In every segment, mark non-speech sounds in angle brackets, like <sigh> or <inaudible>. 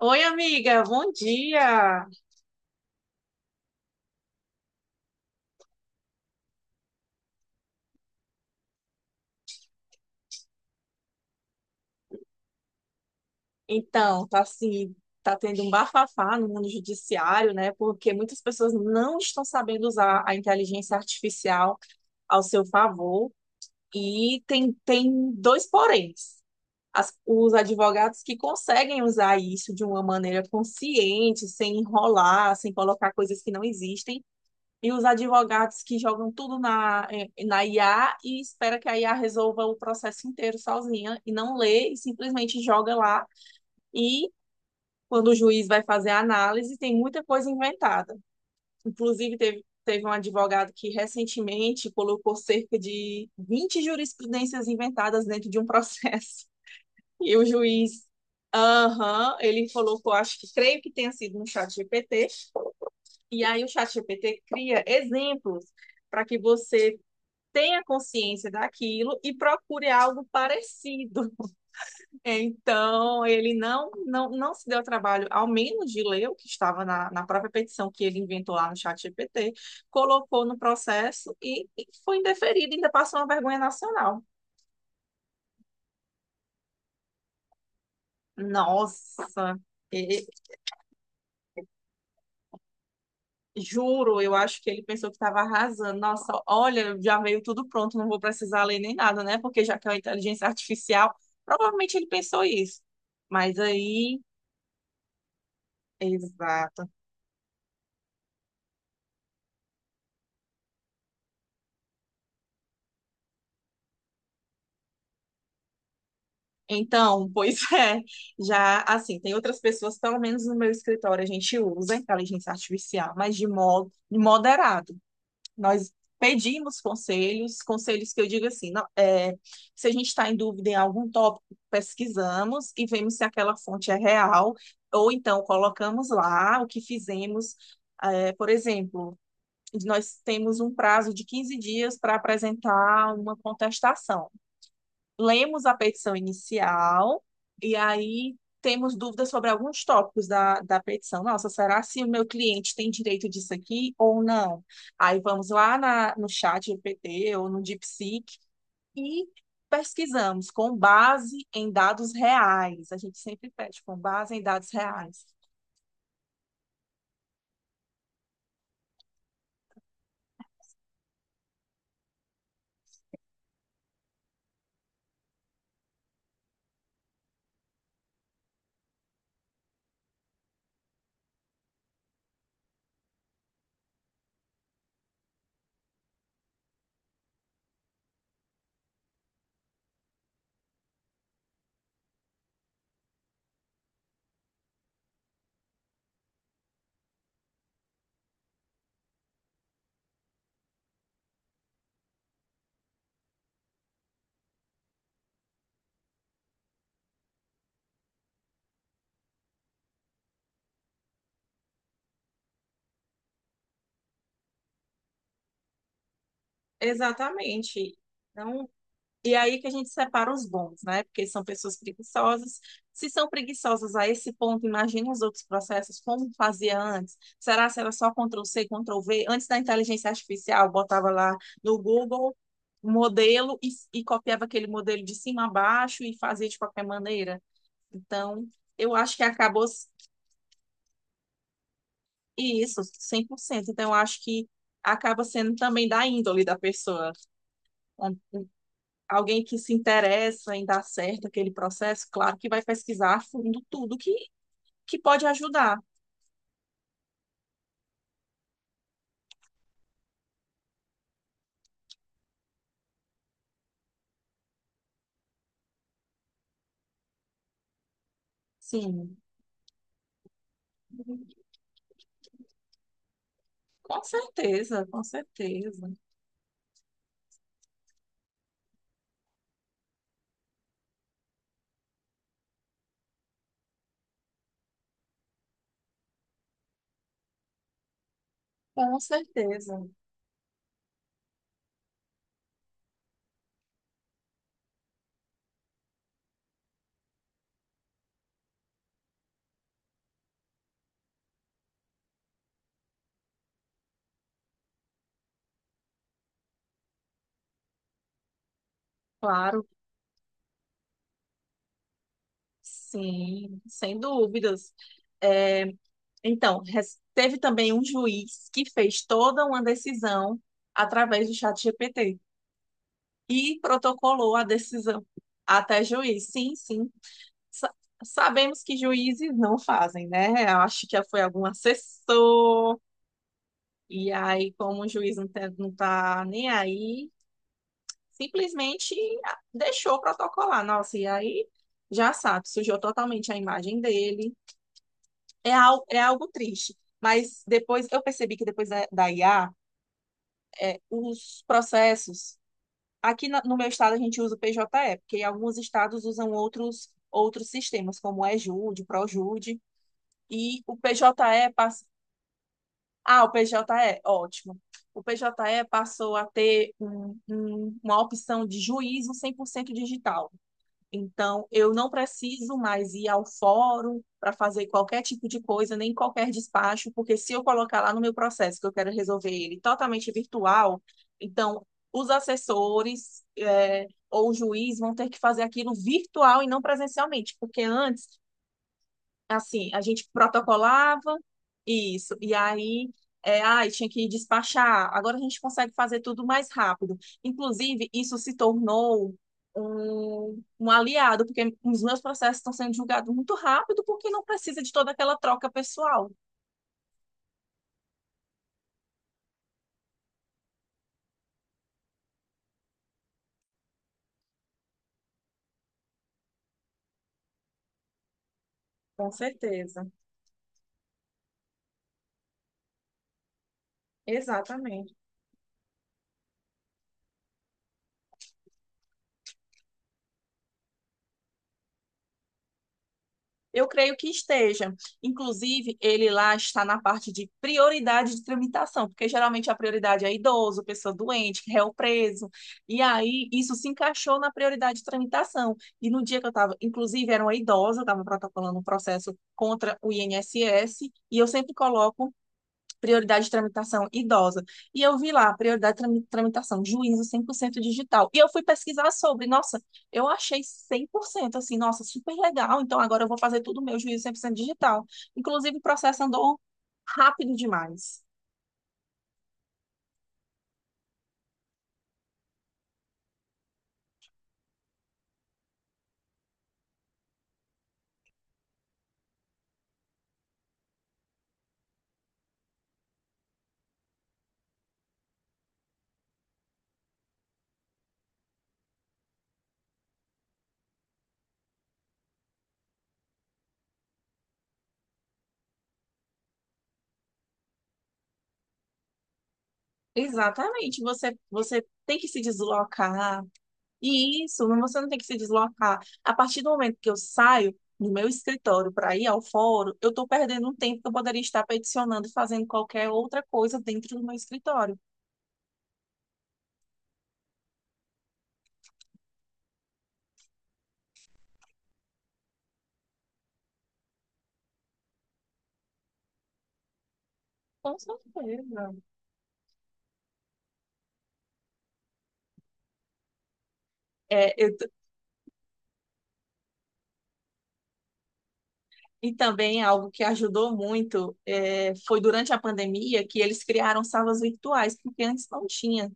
Oi, amiga, bom dia. Então, tá assim, tá tendo um bafafá no mundo judiciário, né? Porque muitas pessoas não estão sabendo usar a inteligência artificial ao seu favor e tem dois poréns. Os advogados que conseguem usar isso de uma maneira consciente, sem enrolar, sem colocar coisas que não existem. E os advogados que jogam tudo na IA e espera que a IA resolva o processo inteiro sozinha e não lê e simplesmente joga lá. E quando o juiz vai fazer a análise, tem muita coisa inventada. Inclusive, teve um advogado que recentemente colocou cerca de 20 jurisprudências inventadas dentro de um processo. <laughs> E o juiz, aham, ele colocou, acho que creio que tenha sido no chat GPT. E aí o chat GPT cria exemplos para que você tenha consciência daquilo e procure algo parecido. <laughs> Então, ele não se deu ao trabalho, ao menos de ler o que estava na, na própria petição que ele inventou lá no chat GPT, colocou no processo e foi indeferido, ainda passou uma vergonha nacional. Nossa, e- juro, eu acho que ele pensou que estava arrasando. Nossa, olha, já veio tudo pronto, não vou precisar ler nem nada, né? Porque já que é uma inteligência artificial, provavelmente ele pensou isso. Mas aí exato. Então, pois <laughs> é, já assim, tem outras pessoas, pelo menos no meu escritório, a gente usa a inteligência artificial, mas de modo moderado. Nós pedimos conselhos, conselhos que eu digo assim, não, é, se a gente está em dúvida em algum tópico, pesquisamos e vemos se aquela fonte é real, ou então colocamos lá o que fizemos. É, por exemplo, nós temos um prazo de 15 dias para apresentar uma contestação. Lemos a petição inicial e aí temos dúvidas sobre alguns tópicos da petição. Nossa, será se o meu cliente tem direito disso aqui ou não? Aí vamos lá no chat GPT ou no DeepSeek e pesquisamos com base em dados reais. A gente sempre pede com base em dados reais. Exatamente. Então, e aí que a gente separa os bons, né? Porque são pessoas preguiçosas. Se são preguiçosas a esse ponto, imagina os outros processos, como fazia antes. Será se era só control C, control V? Antes da inteligência artificial, botava lá no Google um modelo e copiava aquele modelo de cima a baixo e fazia de qualquer maneira. Então, eu acho que acabou isso, 100%. Então, eu acho que acaba sendo também da índole da pessoa. Alguém que se interessa em dar certo aquele processo, claro que vai pesquisar a fundo tudo que pode ajudar. Sim, com certeza, com certeza, com certeza, claro, sim, sem dúvidas. É, então, teve também um juiz que fez toda uma decisão através do chat GPT e protocolou a decisão até juiz. Sim, sim, sa- sabemos que juízes não fazem, né? Eu acho que foi algum assessor, e aí, como o juiz não tá nem aí, simplesmente deixou protocolar. Nossa, e aí já sabe, sujou totalmente a imagem dele. É, al é algo triste. Mas depois eu percebi que depois da IA, é, os processos. Aqui no meu estado a gente usa o PJE, porque alguns estados usam outros, outros sistemas, como o EJude, ProJude. E o PJE passa. Ah, o PJE, ótimo. O PJE passou a ter uma opção de juízo 100% digital. Então, eu não preciso mais ir ao fórum para fazer qualquer tipo de coisa, nem qualquer despacho, porque se eu colocar lá no meu processo que eu quero resolver ele totalmente virtual, então os assessores, ou o juiz vão ter que fazer aquilo virtual e não presencialmente, porque antes assim, a gente protocolava isso, e aí, tinha que despachar. Agora a gente consegue fazer tudo mais rápido. Inclusive, isso se tornou um aliado, porque os meus processos estão sendo julgados muito rápido, porque não precisa de toda aquela troca pessoal. Com certeza, exatamente. Eu creio que esteja. Inclusive, ele lá está na parte de prioridade de tramitação, porque geralmente a prioridade é idoso, pessoa doente, réu preso. E aí, isso se encaixou na prioridade de tramitação. E no dia que eu estava, inclusive, era uma idosa, eu estava protocolando um processo contra o INSS, e eu sempre coloco prioridade de tramitação idosa. E eu vi lá, prioridade de tramitação, juízo 100% digital. E eu fui pesquisar sobre, nossa, eu achei 100%, assim, nossa, super legal. Então agora eu vou fazer tudo meu juízo 100% digital. Inclusive, o processo andou rápido demais. Exatamente, você tem que se deslocar. E isso, você não tem que se deslocar. A partir do momento que eu saio do meu escritório para ir ao fórum, eu estou perdendo um tempo que eu poderia estar peticionando, e fazendo qualquer outra coisa dentro do meu escritório. Com certeza. É, e também algo que ajudou muito foi durante a pandemia que eles criaram salas virtuais, porque antes não tinha.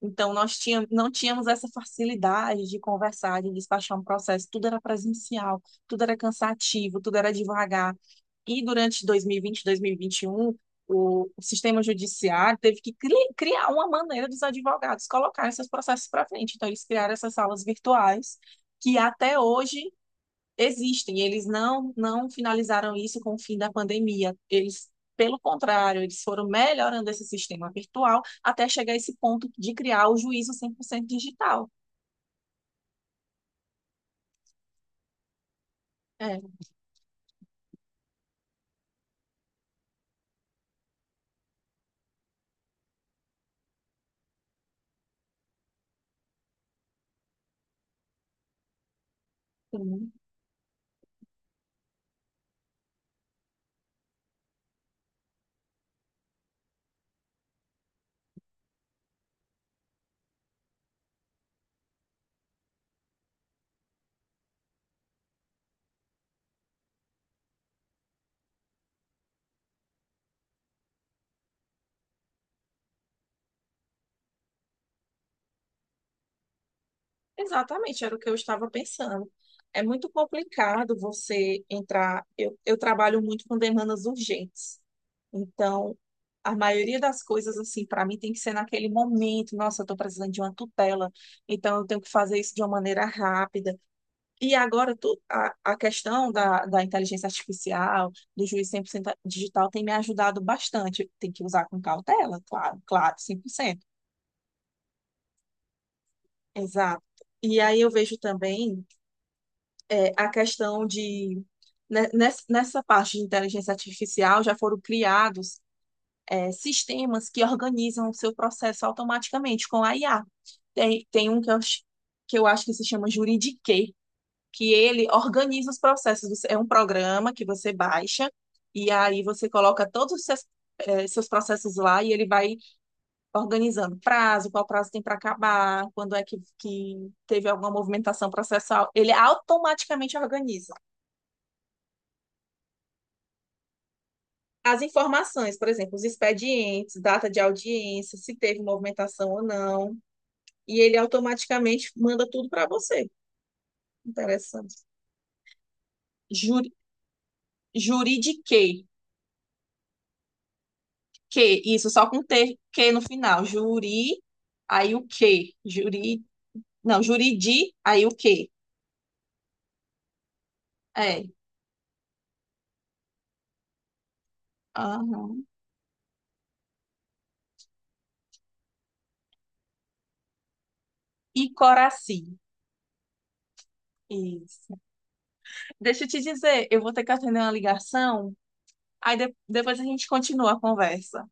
Então, nós tínhamos, não tínhamos essa facilidade de conversar, de despachar um processo. Tudo era presencial, tudo era cansativo, tudo era devagar. E durante 2020, 2021, o sistema judiciário teve que criar uma maneira dos advogados colocarem seus processos para frente. Então, eles criaram essas salas virtuais, que até hoje existem. Eles não finalizaram isso com o fim da pandemia. Eles, pelo contrário, eles foram melhorando esse sistema virtual até chegar a esse ponto de criar o juízo 100% digital. É, sim. Exatamente, era o que eu estava pensando. É muito complicado você entrar. Eu trabalho muito com demandas urgentes. Então, a maioria das coisas, assim, para mim tem que ser naquele momento. Nossa, eu estou precisando de uma tutela. Então, eu tenho que fazer isso de uma maneira rápida. E agora a questão da inteligência artificial, do juiz 100% digital, tem me ajudado bastante. Tem que usar com cautela, claro, claro, 100%. Exato. E aí eu vejo também é, a questão de, né, nessa parte de inteligência artificial, já foram criados é, sistemas que organizam o seu processo automaticamente com a IA. Tem um que eu acho que se chama Juridiquê, que ele organiza os processos. É um programa que você baixa e aí você coloca todos os seus processos lá e ele vai organizando prazo, qual prazo tem para acabar, quando é que teve alguma movimentação processual. Ele automaticamente organiza. As informações, por exemplo, os expedientes, data de audiência, se teve movimentação ou não, e ele automaticamente manda tudo para você. Interessante. Juri, juridiquei. Que, isso, só com T, que no final. Juri, aí o que? Juri, não, juridi, aí o que? É. Aham. E coraci. Isso. Deixa eu te dizer, eu vou ter que atender uma ligação, aí depois a gente continua a conversa.